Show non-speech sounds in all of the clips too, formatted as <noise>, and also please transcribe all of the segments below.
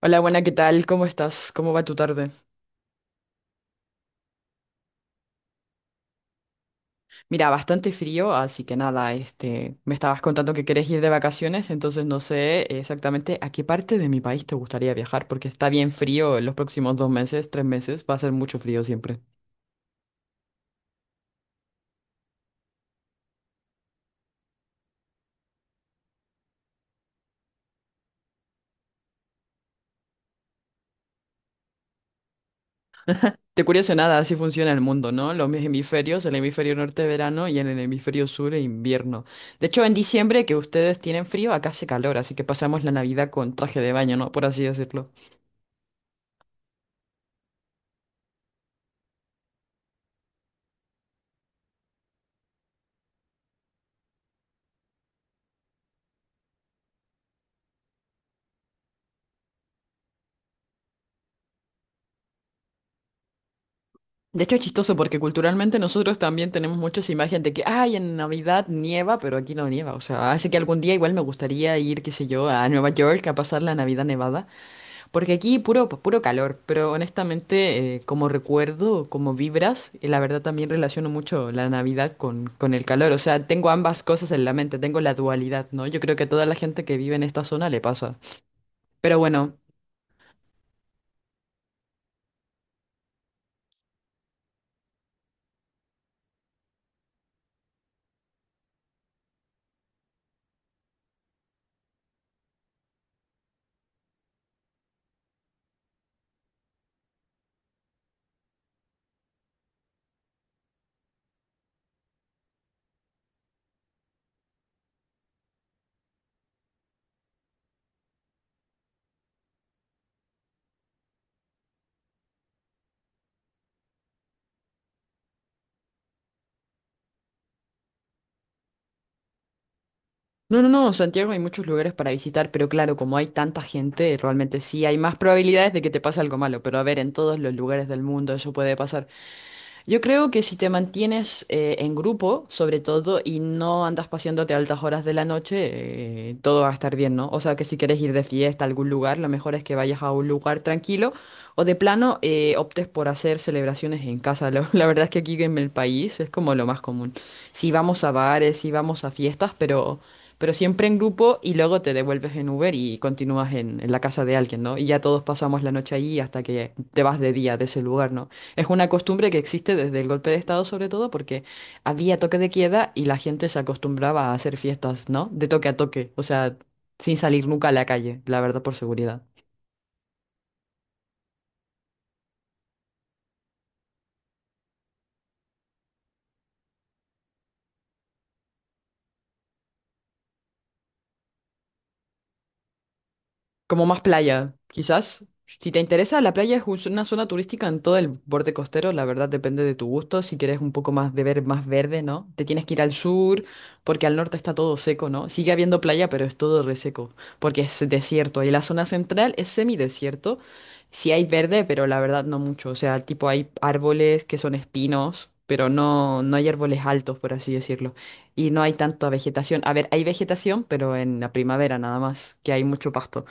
Hola, buena, ¿qué tal? ¿Cómo estás? ¿Cómo va tu tarde? Mira, bastante frío, así que nada, me estabas contando que querés ir de vacaciones, entonces no sé exactamente a qué parte de mi país te gustaría viajar, porque está bien frío en los próximos dos meses, tres meses, va a ser mucho frío siempre. Te curioso nada, así funciona el mundo, ¿no? Los hemisferios, el hemisferio norte verano y en el hemisferio sur invierno. De hecho, en diciembre que ustedes tienen frío, acá hace calor, así que pasamos la Navidad con traje de baño, ¿no? Por así decirlo. De hecho, es chistoso porque culturalmente nosotros también tenemos muchas imágenes de que, ay, en Navidad nieva, pero aquí no nieva. O sea, hace que algún día igual me gustaría ir, qué sé yo, a Nueva York a pasar la Navidad nevada, porque aquí puro, pues, puro calor. Pero honestamente, como recuerdo, como vibras, y la verdad también relaciono mucho la Navidad con el calor. O sea, tengo ambas cosas en la mente, tengo la dualidad, ¿no? Yo creo que a toda la gente que vive en esta zona le pasa. Pero bueno, no, no, no, Santiago hay muchos lugares para visitar, pero claro, como hay tanta gente, realmente sí hay más probabilidades de que te pase algo malo, pero a ver, en todos los lugares del mundo eso puede pasar. Yo creo que si te mantienes en grupo, sobre todo, y no andas paseándote a altas horas de la noche, todo va a estar bien, ¿no? O sea, que si quieres ir de fiesta a algún lugar, lo mejor es que vayas a un lugar tranquilo o de plano optes por hacer celebraciones en casa. <laughs> La verdad es que aquí en el país es como lo más común. Si vamos a bares, si vamos a fiestas, pero siempre en grupo y luego te devuelves en Uber y continúas en la casa de alguien, ¿no? Y ya todos pasamos la noche allí hasta que te vas de día de ese lugar, ¿no? Es una costumbre que existe desde el golpe de Estado, sobre todo porque había toque de queda y la gente se acostumbraba a hacer fiestas, ¿no? De toque a toque, o sea, sin salir nunca a la calle, la verdad, por seguridad. Como más playa, quizás. Si te interesa, la playa es una zona turística en todo el borde costero, la verdad depende de tu gusto. Si quieres un poco más de ver más verde, ¿no? Te tienes que ir al sur, porque al norte está todo seco, ¿no? Sigue habiendo playa, pero es todo reseco, porque es desierto. Y la zona central es semidesierto. Sí hay verde, pero la verdad no mucho. O sea, tipo hay árboles que son espinos, pero no, no hay árboles altos, por así decirlo. Y no hay tanta vegetación. A ver, hay vegetación, pero en la primavera nada más, que hay mucho pasto.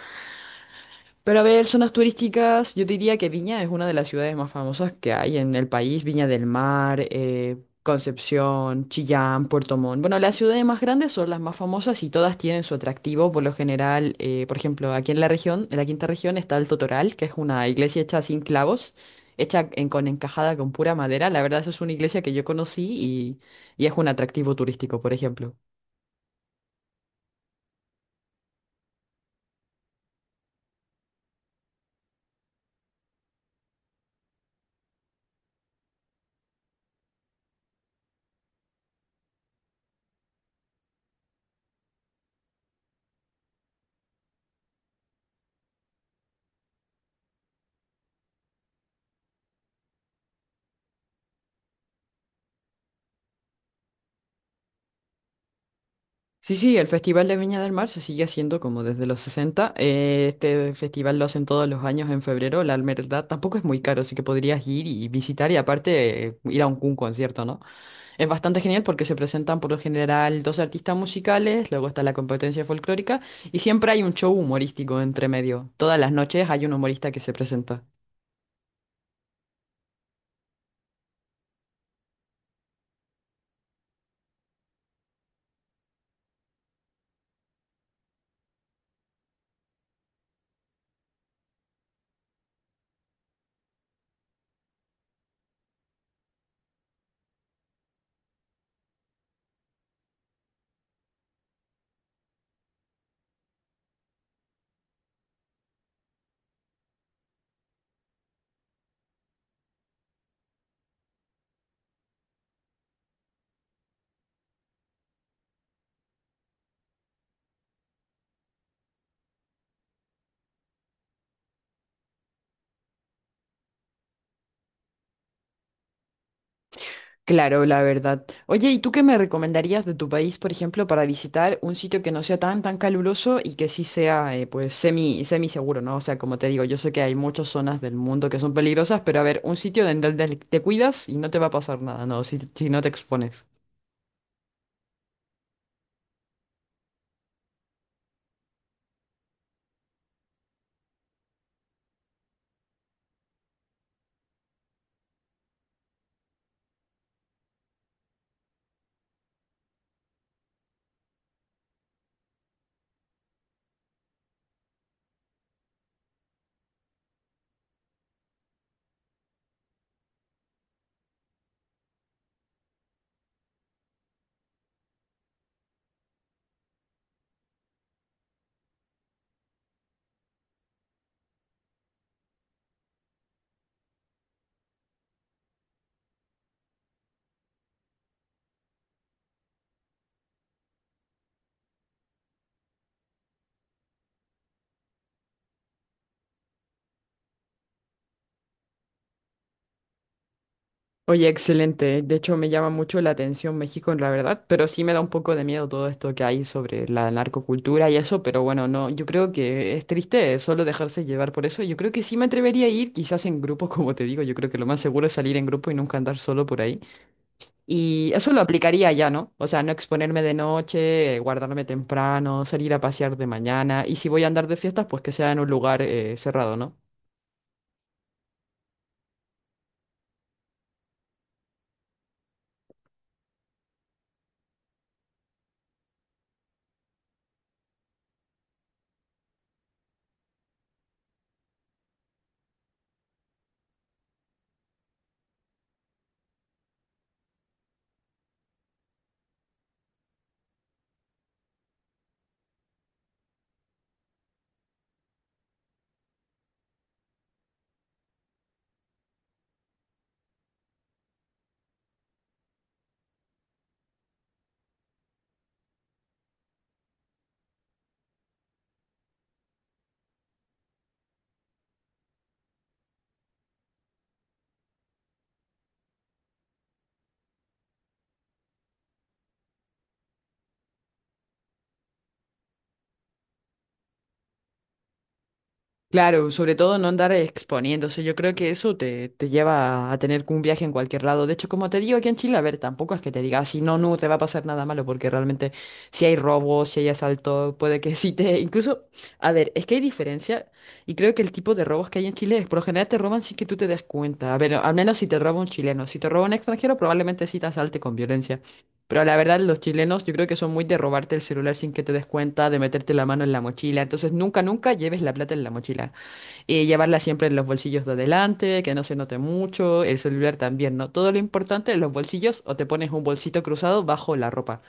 Pero a ver, zonas turísticas, yo diría que Viña es una de las ciudades más famosas que hay en el país. Viña del Mar, Concepción, Chillán, Puerto Montt. Bueno, las ciudades más grandes son las más famosas y todas tienen su atractivo. Por lo general, por ejemplo, aquí en la región, en la quinta región, está el Totoral, que es una iglesia hecha sin clavos, hecha con encajada con pura madera. La verdad, eso es una iglesia que yo conocí y es un atractivo turístico, por ejemplo. Sí, sí, el Festival de Viña del Mar se sigue haciendo como desde los 60. Este festival lo hacen todos los años en febrero. La verdad tampoco es muy caro, así que podrías ir y visitar y aparte ir a un concierto, ¿no? Es bastante genial porque se presentan por lo general dos artistas musicales, luego está la competencia folclórica y siempre hay un show humorístico entre medio. Todas las noches hay un humorista que se presenta. Claro, la verdad. Oye, ¿y tú qué me recomendarías de tu país, por ejemplo, para visitar un sitio que no sea tan, tan caluroso y que sí sea, pues, semi, semi seguro, ¿no? O sea, como te digo, yo sé que hay muchas zonas del mundo que son peligrosas, pero a ver, un sitio en donde te cuidas y no te va a pasar nada, ¿no? Si, si no te expones. Oye, excelente. De hecho, me llama mucho la atención México, en la verdad, pero sí me da un poco de miedo todo esto que hay sobre la narcocultura y eso, pero bueno, no, yo creo que es triste solo dejarse llevar por eso. Yo creo que sí me atrevería a ir, quizás en grupo, <laughs> como te digo, yo creo que lo más seguro es salir en grupo y nunca andar solo por ahí. Y eso lo aplicaría ya, ¿no? O sea, no exponerme de noche, guardarme temprano, salir a pasear de mañana, y si voy a andar de fiestas, pues que sea en un lugar cerrado, ¿no? Claro, sobre todo no andar exponiéndose. Yo creo que eso te lleva a tener un viaje en cualquier lado. De hecho, como te digo aquí en Chile, a ver, tampoco es que te diga, si no, no te va a pasar nada malo, porque realmente si hay robos, si hay asalto, puede que <laughs> sí te... Incluso, a ver, es que hay diferencia y creo que el tipo de robos que hay en Chile es, por lo general te roban sin que tú te des cuenta. A ver, al menos si te roba un chileno. Si te roba un extranjero, probablemente sí te asalte con violencia. Pero la verdad, los chilenos yo creo que son muy de robarte el celular sin que te des cuenta, de meterte la mano en la mochila. Entonces, nunca, nunca lleves la plata en la mochila llevarla siempre en los bolsillos de adelante, que no se note mucho, el celular también, ¿no? Todo lo importante en los bolsillos o te pones un bolsito cruzado bajo la ropa.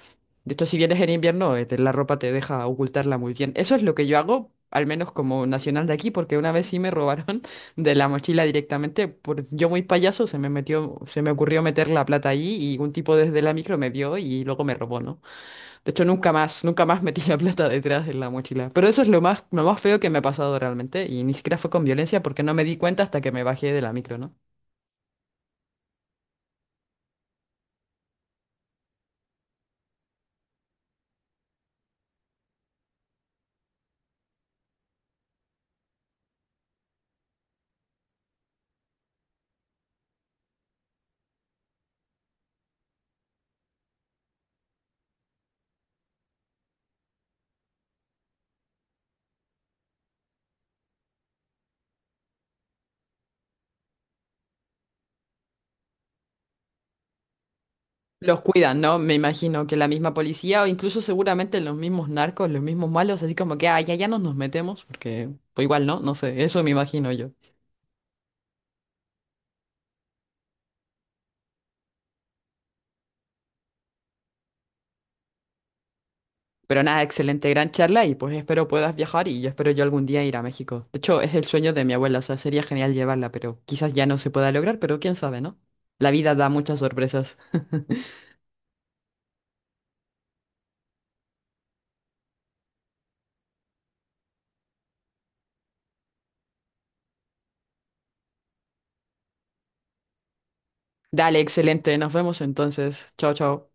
De hecho, si vienes en invierno, la ropa te deja ocultarla muy bien. Eso es lo que yo hago, al menos como nacional de aquí, porque una vez sí me robaron <laughs> de la mochila directamente. Por, yo muy payaso, se me metió, se me ocurrió meter la plata allí y un tipo desde la micro me vio y luego me robó, ¿no? De hecho, nunca más, nunca más metí la plata detrás de la mochila. Pero eso es lo más feo que me ha pasado realmente. Y ni siquiera fue con violencia porque no me di cuenta hasta que me bajé de la micro, ¿no? Los cuidan, ¿no? Me imagino que la misma policía o incluso seguramente los mismos narcos, los mismos malos, así como que, ah, ya, ya nos metemos, porque pues igual, ¿no? No sé, eso me imagino yo. Pero nada, excelente, gran charla y pues espero puedas viajar y yo espero yo algún día ir a México. De hecho, es el sueño de mi abuela, o sea, sería genial llevarla, pero quizás ya no se pueda lograr, pero quién sabe, ¿no? La vida da muchas sorpresas. <laughs> Dale, excelente. Nos vemos entonces. Chao, chao.